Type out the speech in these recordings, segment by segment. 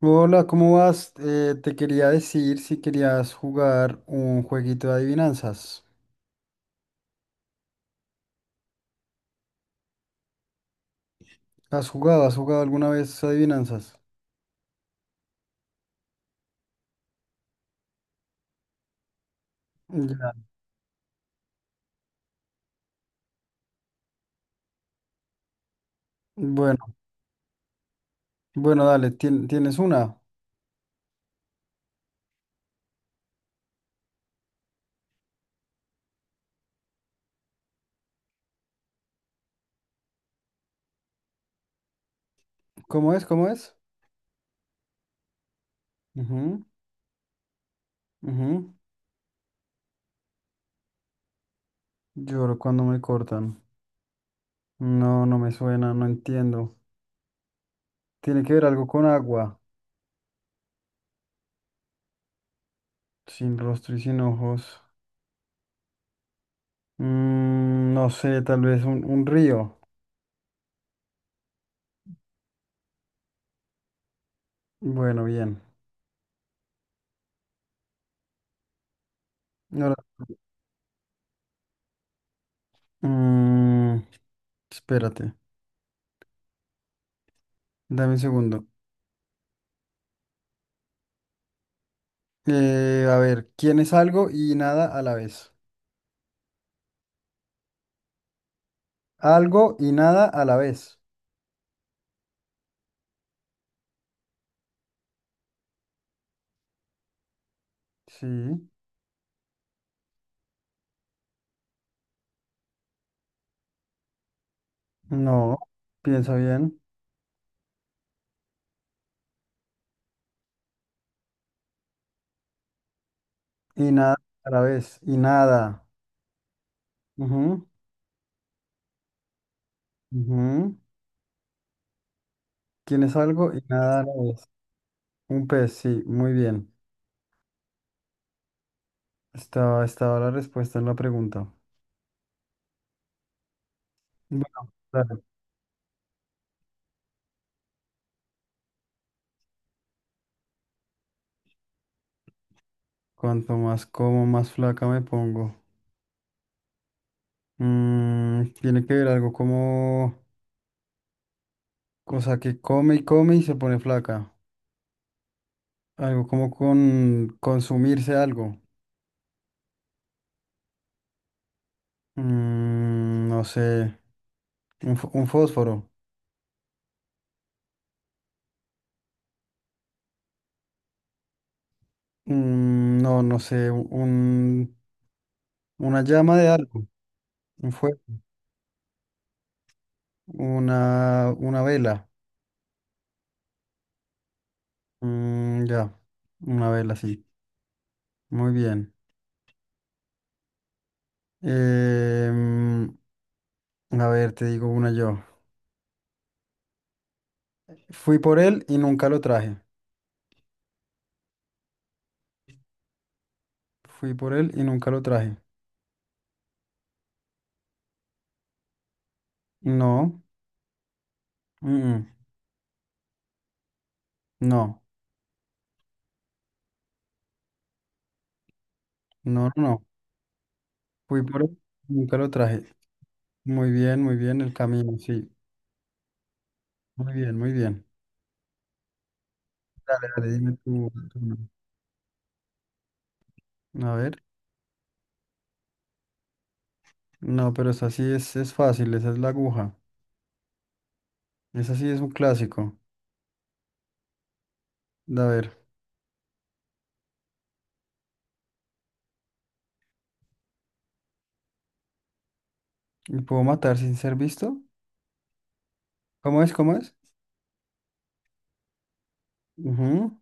Hola, ¿cómo vas? Te quería decir si querías jugar un jueguito de adivinanzas. ¿Has jugado? ¿Has jugado alguna vez adivinanzas? Ya. Bueno, bueno, dale, tienes una. ¿Cómo es? ¿Cómo es? Ujú, ujú. Lloro cuando me cortan. No, no me suena, no entiendo. Tiene que ver algo con agua, sin rostro y sin ojos. No sé, tal vez un río. Bueno, bien. Ahora, mm, espérate, dame un segundo. A ver, ¿quién es algo y nada a la vez? Algo y nada a la vez. Sí, no, piensa bien. Y nada a la vez, y nada. Ujú, ujú. ¿Quién es algo y nada a la vez? Un pez, sí, muy bien. Estaba la respuesta en la pregunta. Bueno, dale. Cuanto más como, más flaca me pongo. Tiene que ver algo como, cosa que come y come y se pone flaca. Algo como con consumirse algo. No sé, un fósforo. No, no sé, una llama de algo, un fuego, una vela. Ya, una vela, sí. Muy bien. Em, a ver, te digo una yo. Fui por él y nunca lo traje. Fui por él y nunca lo traje. No, mm, mm, no, no, no, no. Fui por él y nunca lo traje. Muy bien el camino, sí. Muy bien, muy bien. Dale, dale, dime tú una. A ver. No, pero esa sí es fácil, esa es la aguja. Esa sí es un clásico. A ver, ¿me puedo matar sin ser visto? ¿Cómo es? ¿Cómo es? Ujú.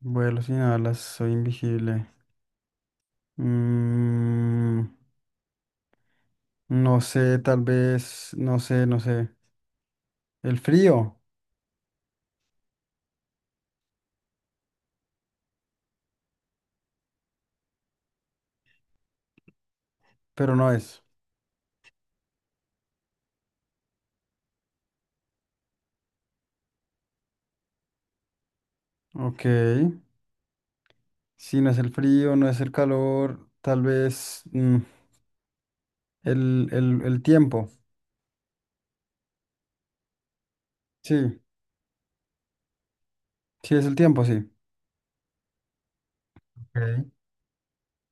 Vuelo sin alas, soy invisible. Mm, no sé, tal vez, no sé, no sé. El frío, pero no es. Ok. Si no es el frío, no es el calor, tal vez el tiempo. Sí, sí es el tiempo, sí. Ok.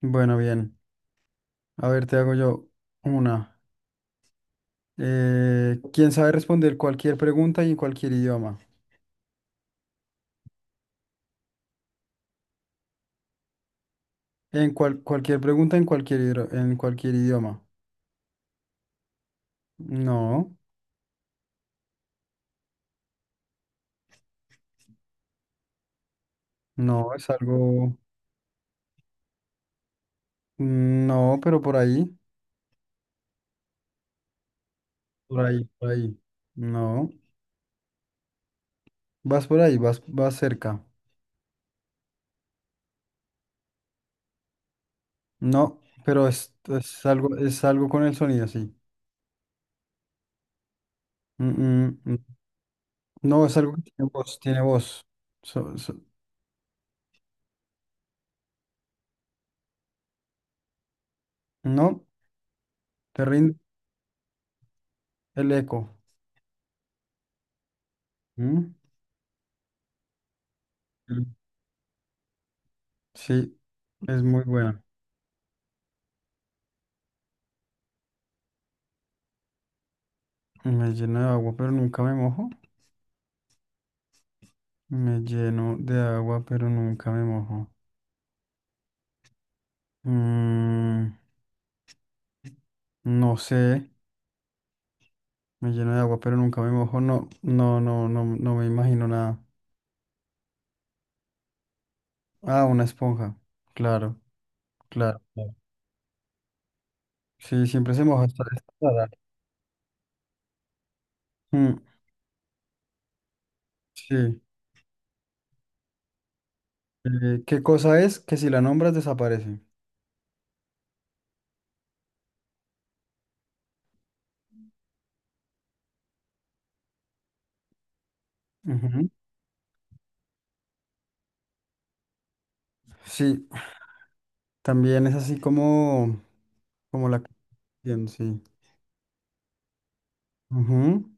Bueno, bien. A ver, te hago yo una. ¿Quién sabe responder cualquier pregunta y en cualquier idioma? En cualquier pregunta en cualquier, en cualquier idioma. No, no, es algo... No, pero por ahí, por ahí, por ahí. No, vas por ahí, vas, vas cerca. No, pero es algo con el sonido, sí. Mm, mm, mm. No, es algo que tiene voz, tiene voz. So- so- no. ¿Te rindo. El eco. ¿Mm? Mm. Sí, es muy bueno. Me lleno de agua, pero nunca me mojo. Me lleno de agua, pero nunca me mojo. Mm, no sé. Me lleno de agua, pero nunca me mojo. No, no, no, no, no me imagino nada. Ah, una esponja. Claro, claro. claro. Sí, siempre se moja. Hasta esta rara. Mm, sí. ¿Qué cosa es que si la nombras desaparece? Ujú. Sí, también es así como, como la... Sí. Ujú,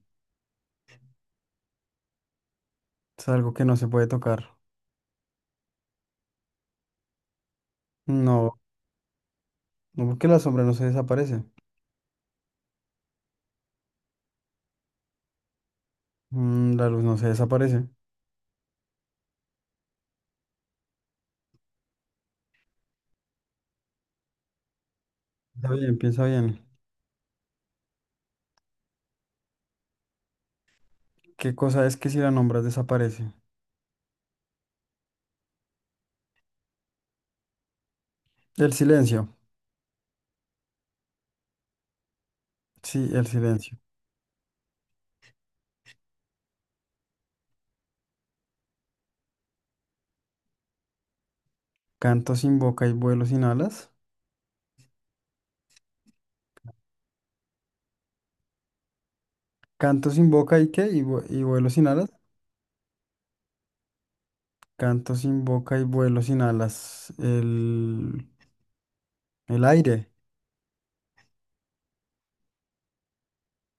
es algo que no se puede tocar. No, no porque la sombra no se desaparece. La luz no se desaparece. Está bien, piensa bien. ¿Qué cosa es que si la nombras desaparece? El silencio. Sí, el silencio. Canto sin boca y vuelo sin alas. Canto sin boca y qué? Y, y vuelo sin alas. Canto sin boca y vuelo sin alas. El aire.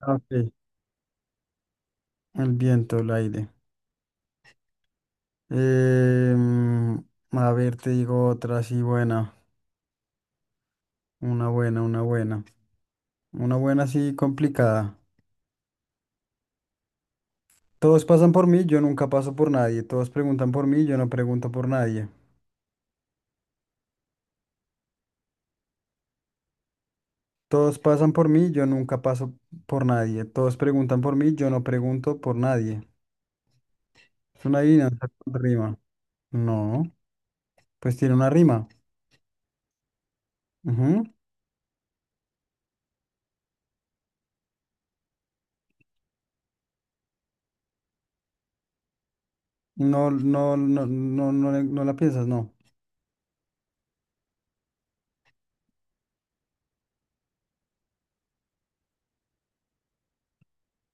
Ah, Ok. El viento, el aire. Em, a ver, te digo otra así buena. Una buena, una buena. Una buena así complicada. Todos pasan por mí, yo nunca paso por nadie. Todos preguntan por mí, yo no pregunto por nadie. Todos pasan por mí, yo nunca paso por nadie. Todos preguntan por mí, yo no pregunto por nadie. Es una adivinanza con rima. No, pues tiene una rima. Ujú. No, no, no, no, no, no la piensas, no.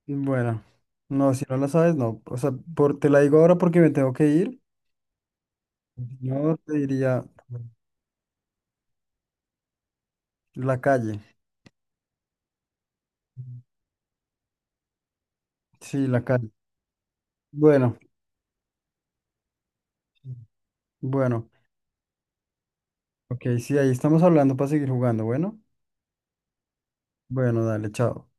Bueno, no, si no la sabes, no. O sea, por, te la digo ahora porque me tengo que ir. Yo te diría la calle. Sí, la calle. Bueno, bueno. Ok, sí, ahí estamos hablando para seguir jugando. Bueno, bueno, dale, chao.